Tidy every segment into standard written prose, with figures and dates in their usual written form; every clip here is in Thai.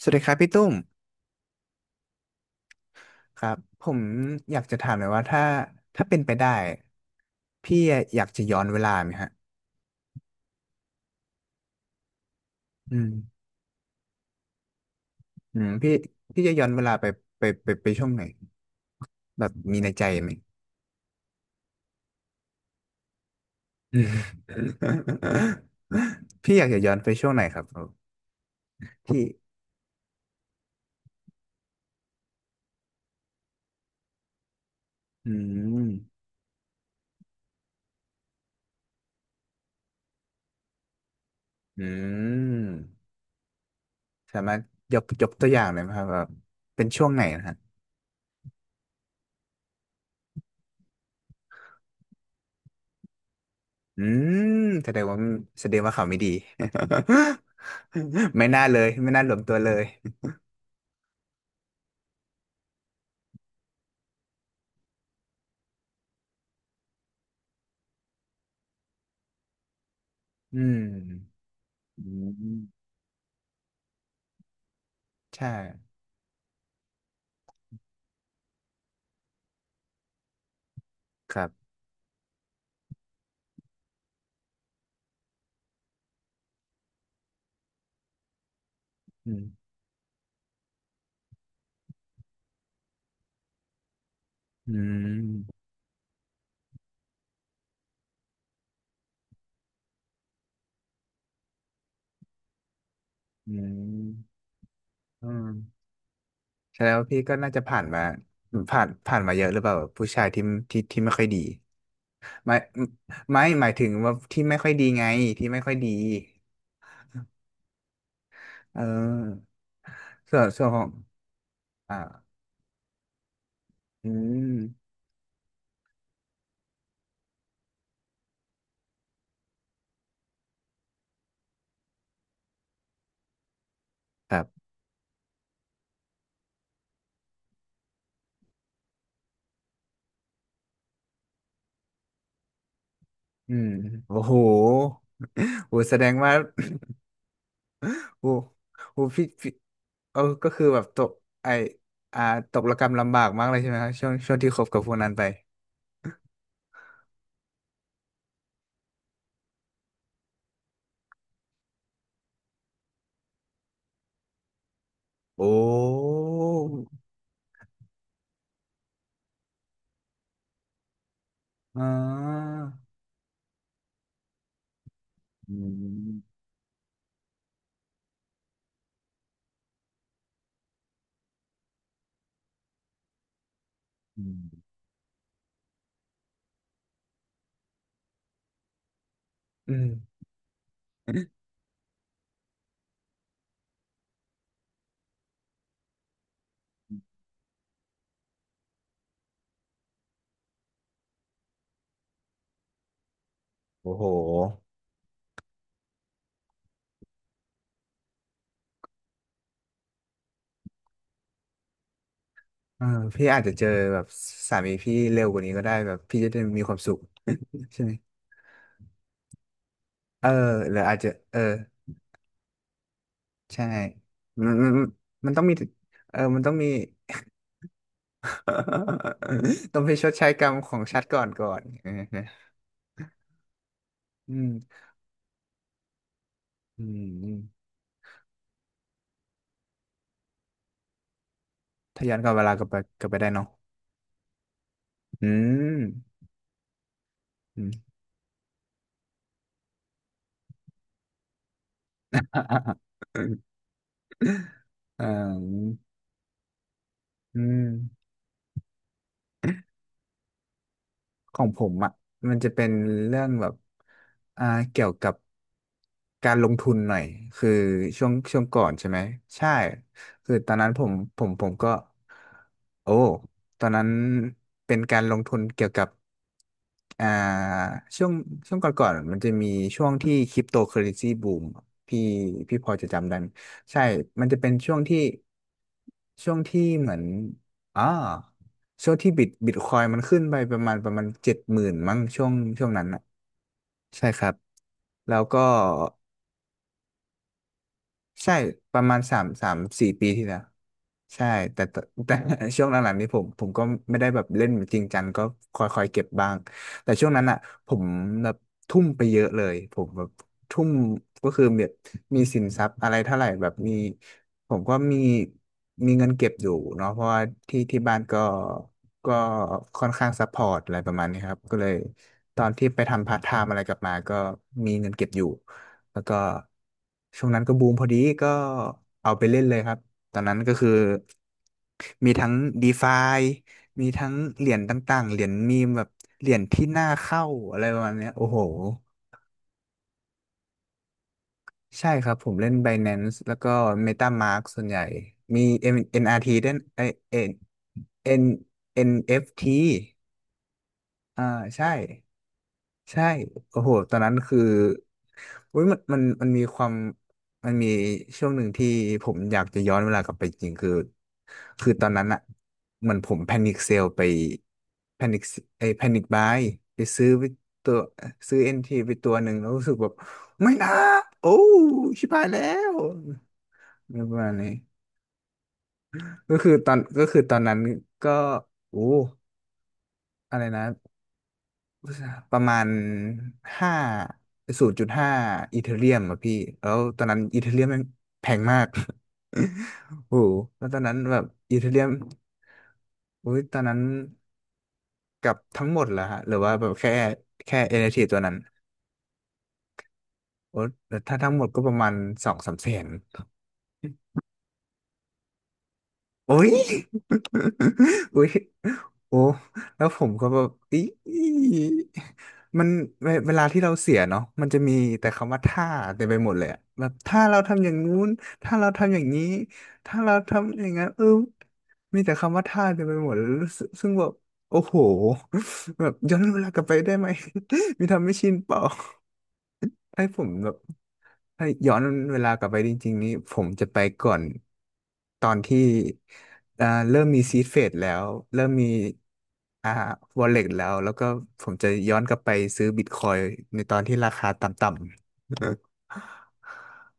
สวัสดีครับพี่ตุ้มครับผมอยากจะถามหน่อยว่าถ้าเป็นไปได้พี่อยากจะย้อนเวลาไหมฮะอืมอืมพี่จะย้อนเวลาไปช่วงไหนแบบมีในใจไหมอืม พี่อยากจะย้อนไปช่วงไหนครับพี่อืมอืมสามารถยกตัวอย่างหน่อยไหมครับว่าเป็นช่วงไหนนะฮะอืมแสดงว่าแสดงว่าเขาไม่ดี ไม่น่าเลยไม่น่ารวมตัวเลย อืมอืมใช่ครับอืมอืมอืมอืมแสดงว่าพี่ก็น่าจะผ่านมาผ่านมาเยอะหรือเปล่าแบบผู้ชายที่ที่ไม่ค่อยดีไม่ไม่หมายถึงว่าที่ไม่ค่อยดีไงที่ไม่ค่อยดีเออส่วนของอ่าอืมครับอืมโอ้โหโอ้แสดงว่า โอ้โหพี่เออก็คือแบบตกไออ่าตกระกำลำบากมากเลยใช่ไหมครับช่วงที่คบกับพวกนั้นไปโอ้อ่าอืมอืม อืมโอ้โหเออพี่อาจจะเจอแบบสามีพี่เร็วกว่านี้ก็ได้แบบพี่จะได้มีความสุขใช่ไหมเออหรืออาจจะเออใช่มันมันมันต้องมีเออมันต้องมี ต้องไปชดใช้กรรมของชาติก่อนก่อนเอออืม อืมอืมถ้าย้อนกลับเวลากลับไปกลับไปได้เนาะอืมอืม อ่าอืม ของผมอ่ะมันจะเป็นเรื่องแบบอ่าเกี่ยวกับการลงทุนหน่อยคือช่วงก่อนใช่ไหมใช่คือตอนนั้นผมก็โอ้ตอนนั้นเป็นการลงทุนเกี่ยวกับอ่าช่วงช่วงก่อนๆมันจะมีช่วงที่คริปโตเคอเรนซีบูมพี่พี่พอจะจำได้ไหมใช่มันจะเป็นช่วงที่ช่วงที่เหมือนอ๋อ ช่วงที่บิตคอยมันขึ้นไปประมาณเจ็ดหมื่นมั้งช่วงนั้นอ่ะใช่ครับแล้วก็ ใช่ประมาณสามสี่ปีที่แล้วใช่แต่ตแต่ ช่วงหลังๆนี้ผมก็ไม่ได้แบบเล่นจริงจังก็คอยๆเก็บบ้างแต่ช่วงนั้นอ่ะผมแบบทุ่มไปเยอะเลยผมแบบทุ่มก็คือแบบมีสินทรัพย์อะไรเท่าไหร่แบบมีผมก็มีมีเงินเก็บอยู่เนาะเพราะว่าที่บ้านก็ก็ค่อนข้างซัพพอร์ตอะไรประมาณนี้ครับก็เลยตอนที่ไปทำพาร์ทไทม์อะไรกลับมาก็มีเงินเก็บอยู่ แล้วก็ช่วงนั้นก็บูมพอดีก็เอาไปเล่นเลยครับตอนนั้นก็คือมีทั้ง DeFi มีทั้งเหรียญต่างๆเหรียญมีมแบบเหรียญที่น่าเข้าอะไรประมาณเนี้ยโอ้โหใช่ครับผมเล่น Binance แล้วก็ MetaMask ส่วนใหญ่มีเอ็มเอ็นอาร n ทีด้วยไอเอ็น N NFT อนเอฟทีอ่าใช่ใช่โอ้โหตอนนั้นคือ อุ้ยมันมีความมันมีช่วงหนึ่งที่ผมอยากจะย้อนเวลากลับไปจริงคือคือตอนนั้นอะเหมือนผมแพนิคเซลไปแพนิคไอแพนิคบายไปซื้อไปตัวซื้อเอ็นทีไปตัวหนึ่งแล้วรู้สึกแบบไม่นะโอ้ชิบหายแล้วประมาณนี้ก็คือตอนนั้นก็โอ้อะไรนะ ประมาณห้าศูนย์จุดห้าอีเธเรียมอะพี่แล้วตอนนั้นอีเธเรียมแม่งแพงมาก โอ้โหแล้วตอนนั้นแบบอีเธเรียมโอ้ยตอนนั้นกับทั้งหมดเหรอฮะหรือว่าแบบแค่เอเนทีตัวนั้นโอ้แต่ถ้าทั้งหมดก็ประมาณสองสามแสน โอ้ย โอ้ยโอ้แล้วผมก็แบบอีมันเวเวลาที่เราเสียเนาะมันจะมีแต่คำว่าถ้าเต็มไปหมดเลยอะแบบถ้าเราทำอย่างนู้นถ้าเราทำอย่างนี้ถ้าเราทำอย่างนั้นเออมีแต่คำว่าถ้าเต็มไปหมดเลยรู้สึกซึ่งแบบโอ้โหแบบย้อนเวลากลับไปได้ไหม มีทำไม่ชินเปล่าให้ผมแบบ ถ้าย้อนเวลากลับไปจริงๆนี้ผมจะไปก่อนตอนที่อ่าเริ่มมีซีดเฟดแล้วเริ่มมีอ่าวอลเล็ตแล้วแล้วก็ผมจะย้อนกลับไปซื้อบิตคอยน์ในตอนที่ราคาต่ำ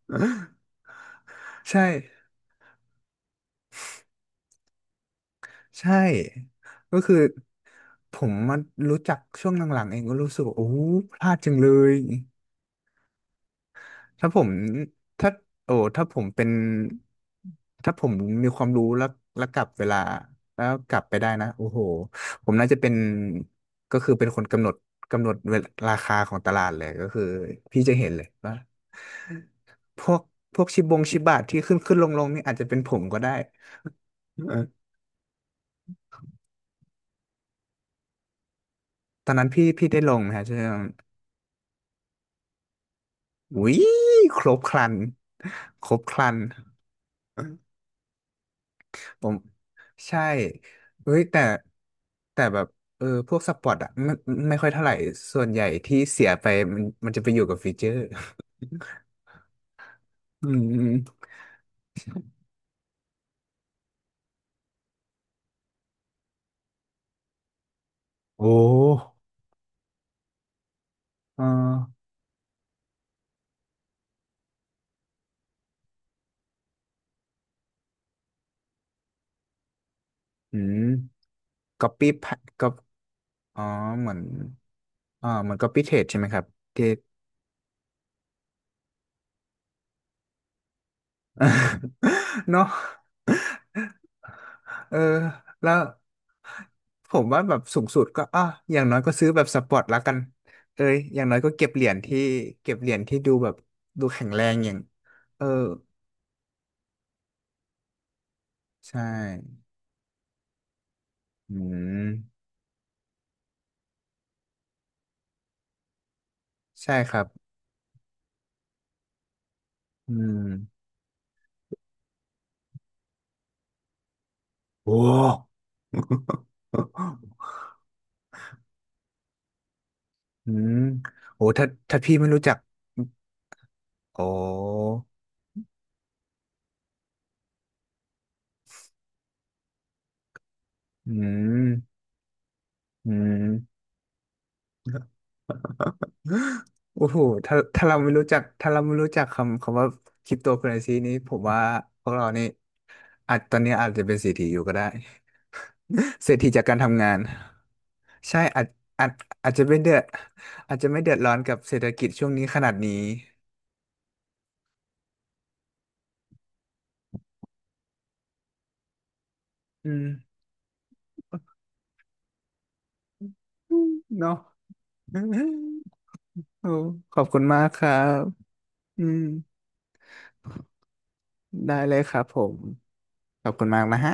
ๆ ใช่ใช่ก็คือผมมารู้จักช่วงหลังๆเองก็รู้สึกว่าโอ้พลาดจังเลย ถ้าผมถ้าโอ้ถ้าผมเป็นถ้าผมมีความรู้แล้วแล้วกลับเวลาแล้วกลับไปได้นะโอ้โหผมน่าจะเป็นก็คือเป็นคนกำหนดกำหนดเวลาราคาของตลาดเลยก็คือพี่จะเห็นเลยว่าพวกพวกชิบงชิบะที่ขึ้นขึ้นลงลงนี่อาจจะเป็นผมก็ได้เออตอนนั้นพี่ได้ลงนะฮะเรื่องอุ้ยครบครันครบครัน ผมใช่เฮ้ยแต่แบบเออพวกสปอร์ตอ่ะไม่ค่อยเท่าไหร่ส่วนใหญ่ที่เสียไปมันจะไปอยู่กับฟีเจอร์อืมอืมโอ้เอออืมก๊อปปี้ก็อ๋อเหมือนอ่าเหมือนก๊อปปี้เทรดใช่ไหมครับที่ เนาะ เออแล้วผมว่าแบบสูงสุดก็อ่ะอย่างน้อยก็ซื้อแบบสปอร์ตละกันเอ้ยอย่างน้อยก็เก็บเหรียญที่เก็บเหรียญที่ดูแบบดูแข็งแรงอย่างเออใช่อืมใช่ครับอืมโอ้ อืมโอ้ถ้าพี่ไม่รู้จักโอ้อืมอืม โอ้โหถ้าเราไม่รู้จักถ้าเราไม่รู้จักคำว่าคริปโตเคอเรนซีนี้ผมว่าพวกเรานี่อาจตอนนี้อาจจะเป็นเศรษฐีอยู่ก็ได้ เศรษฐีจากการทำงานใช่อาจอาจจะไม่เดือดอาจจะไม่เดือดร้อนกับเศรษฐกิจช่วงนี้ขนาดนี้อืมเนาะ โอ้ขอบคุณมากครับอืมได้เลยครับผมขอบคุณมากนะฮะ